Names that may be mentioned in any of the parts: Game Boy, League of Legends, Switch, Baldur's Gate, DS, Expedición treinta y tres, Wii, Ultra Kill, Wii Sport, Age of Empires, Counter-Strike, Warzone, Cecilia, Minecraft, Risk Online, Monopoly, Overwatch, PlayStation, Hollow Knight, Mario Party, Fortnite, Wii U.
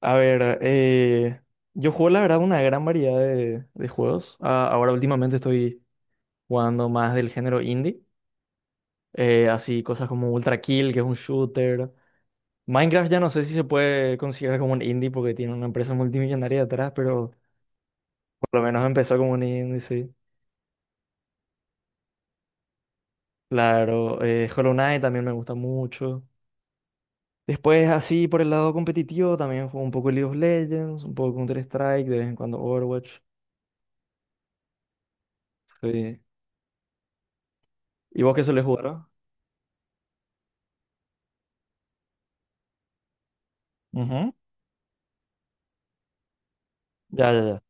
A ver, yo juego la verdad una gran variedad de juegos. Ah, ahora últimamente estoy jugando más del género indie, así cosas como Ultra Kill, que es un shooter. Minecraft ya no sé si se puede considerar como un indie porque tiene una empresa multimillonaria detrás, pero por lo menos empezó como un indie, sí. Claro, Hollow Knight también me gusta mucho. Después, así por el lado competitivo, también juego un poco League of Legends, un poco Counter-Strike, de vez en cuando Overwatch. Sí. ¿Y vos qué sueles jugar? ¿ah? Ujú. Ya, ya, ya.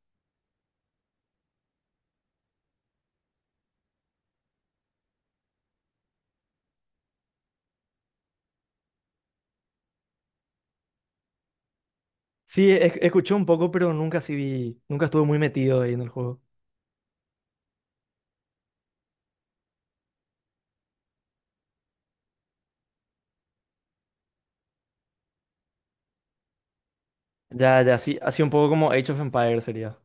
Sí, escuché un poco, pero nunca sí vi, nunca estuve muy metido ahí en el juego. Ya, ya, sí, así un poco como Age of Empires sería.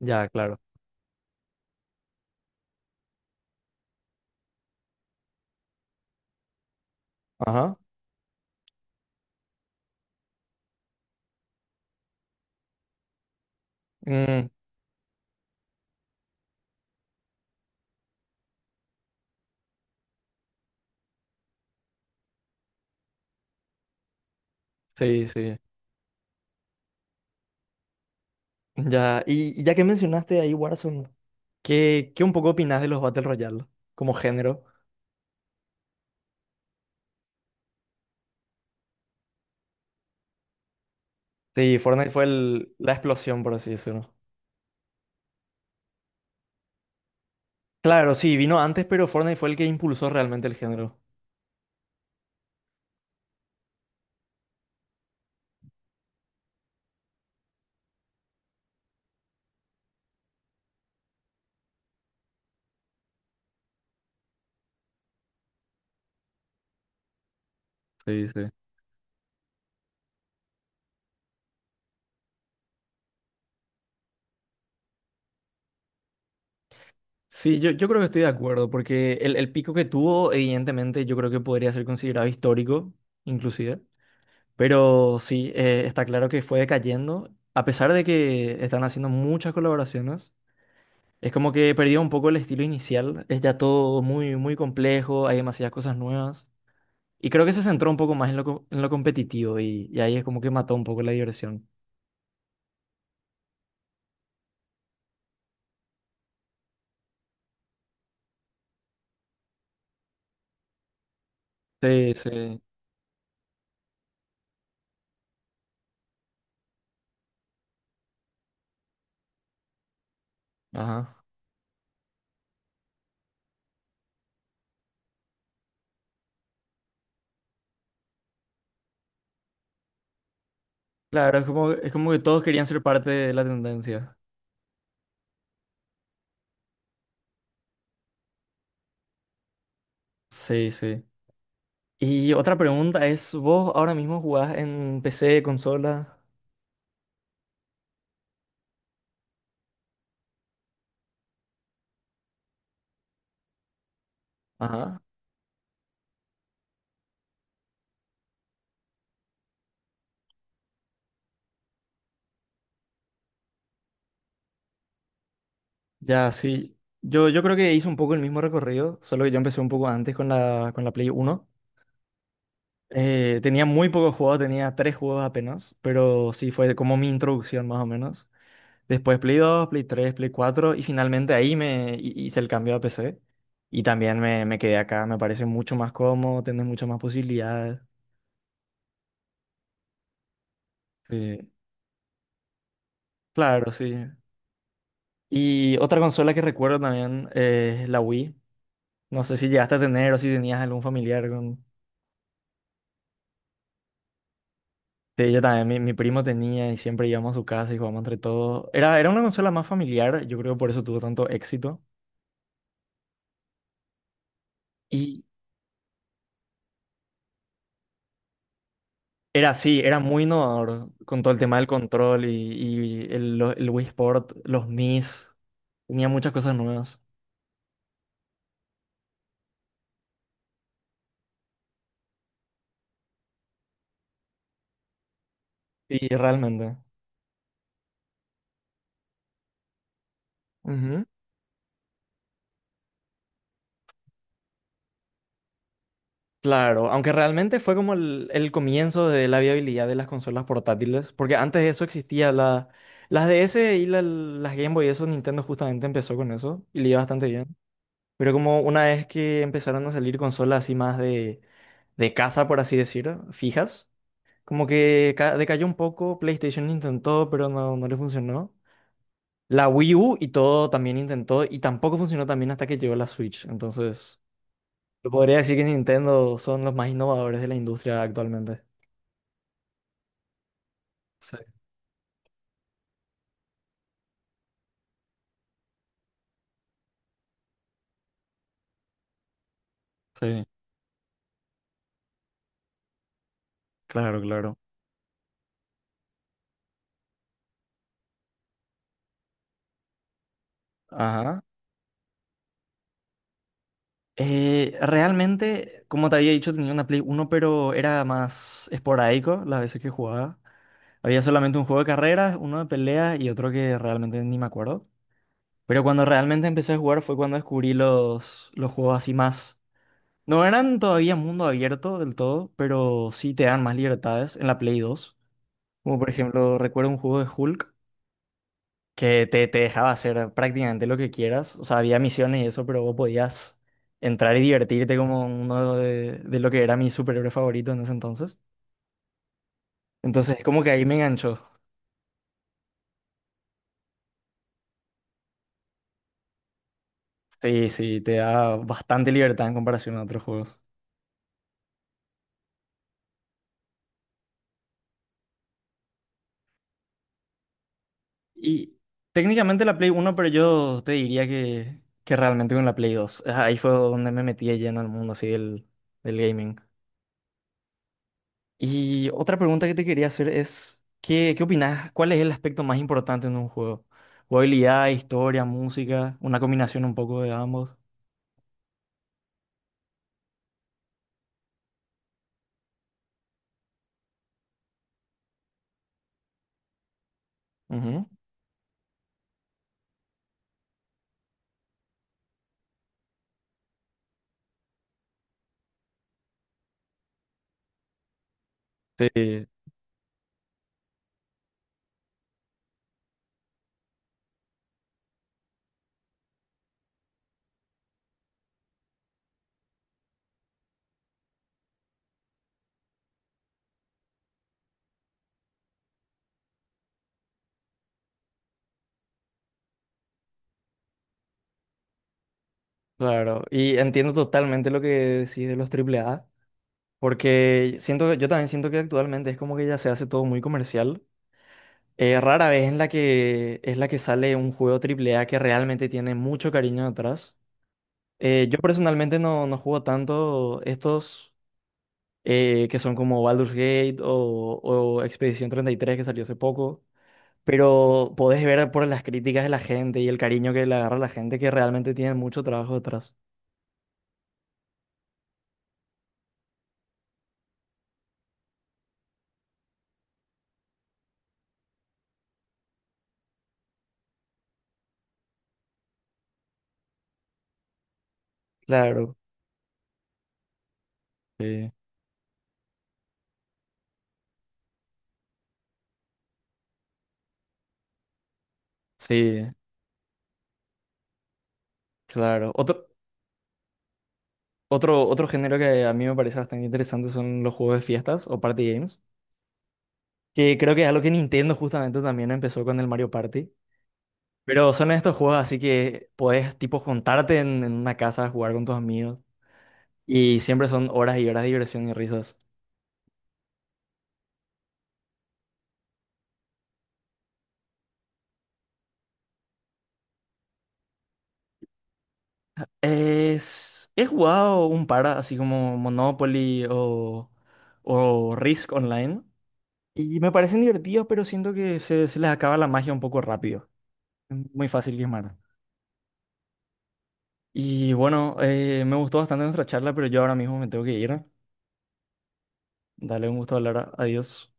Ya, claro. Ajá. Mm, sí, sí. Ya, y ya que mencionaste ahí Warzone, ¿qué un poco opinás de los Battle Royale como género? Sí, Fortnite fue la explosión, por así decirlo. Claro, sí, vino antes, pero Fortnite fue el que impulsó realmente el género. Sí, sí. Sí, yo creo que estoy de acuerdo, porque el pico que tuvo, evidentemente, yo creo que podría ser considerado histórico, inclusive. Pero sí, está claro que fue decayendo. A pesar de que están haciendo muchas colaboraciones, es como que perdió un poco el estilo inicial. Es ya todo muy, muy complejo, hay demasiadas cosas nuevas. Y creo que se centró un poco más en en lo competitivo y ahí es como que mató un poco la diversión. Sí, sí. Ajá. Claro, es como que todos querían ser parte de la tendencia. Sí, sí. y otra pregunta es, ¿vos ahora mismo jugás en PC, consola? Ajá. Ya, sí. Yo creo que hice un poco el mismo recorrido, solo que yo empecé un poco antes con la Play 1. Tenía muy pocos juegos, tenía tres juegos apenas, pero sí fue como mi introducción más o menos. Después Play 2 Play 3 Play 4 y finalmente ahí me hice el cambio a PC. Y también me quedé acá, me parece mucho más cómodo, tienes muchas más posibilidades. Sí. Claro, sí. Y otra consola que recuerdo también, es la Wii. No sé si llegaste a tener o si tenías algún familiar con... Sí, yo también, mi primo tenía y siempre íbamos a su casa y jugábamos entre todos. Era una consola más familiar, yo creo que por eso tuvo tanto éxito. Y era así, era muy innovador con todo el tema del control y el Wii Sport, los Mis, tenía muchas cosas nuevas. Y realmente. Ujú. Claro, aunque realmente fue como el comienzo de la viabilidad de las consolas portátiles, porque antes de eso existía las DS y las Game Boy, eso Nintendo justamente empezó con eso y le iba bastante bien. Pero como una vez que empezaron a salir consolas así más de casa, por así decirlo, fijas, como que decayó un poco, PlayStation intentó, pero no, no le funcionó. La Wii U y todo también intentó y tampoco funcionó también hasta que llegó la Switch. Entonces, yo podría decir que Nintendo son los más innovadores de la industria actualmente. Sí, sí, claro, claro. Ajá. Realmente, como te había dicho, tenía una Play 1 pero era más esporádico las veces que jugaba. Había solamente un juego de carreras, uno de peleas y otro que realmente ni me acuerdo. Pero cuando realmente empecé a jugar fue cuando descubrí los juegos así más. No eran todavía mundo abierto del todo, pero sí te dan más libertades en la Play 2. Como por ejemplo, recuerdo un juego de Hulk que te dejaba hacer prácticamente lo que quieras. O sea, había misiones y eso, pero vos podías entrar y divertirte como uno de lo que era mi superhéroe favorito en ese entonces. Entonces, como que ahí me enganchó. Sí, sí, te da bastante libertad en comparación a otros juegos. Y técnicamente la Play Uno, pero yo te diría que realmente con la Play 2, ah, ahí fue donde me metí ya en el mundo así del gaming. Y otra pregunta que te quería hacer es, ¿qué, qué opinás? ¿Cuál es el aspecto más importante en un juego? ¿Jugabilidad, historia, música? ¿Una combinación un poco de ambos? Ujú. Sí, claro. Y entiendo totalmente lo que decís de los triple A. Porque siento que, yo también siento que actualmente es como que ya se hace todo muy comercial. Rara vez en la que es la que sale un juego triple A que realmente tiene mucho cariño detrás. Yo personalmente no, no juego tanto estos, que son como Baldur's Gate o Expedición 33, que salió hace poco. Pero podés ver por las críticas de la gente y el cariño que le agarra la gente que realmente tiene mucho trabajo detrás. Claro. Sí, sí, claro. Otro género que a mí me parece bastante interesante son los juegos de fiestas o party games, que creo que es algo que Nintendo justamente también empezó con el Mario Party. Pero son estos juegos así que podés tipo juntarte en una casa a jugar con tus amigos y siempre son horas y horas de diversión y risas. He jugado un par así como Monopoly o Risk Online y me parecen divertidos, pero siento que se les acaba la magia un poco rápido. Es muy fácil quemar. Y bueno, me gustó bastante nuestra charla, pero yo ahora mismo me tengo que ir. Dale, un gusto hablar. Adiós.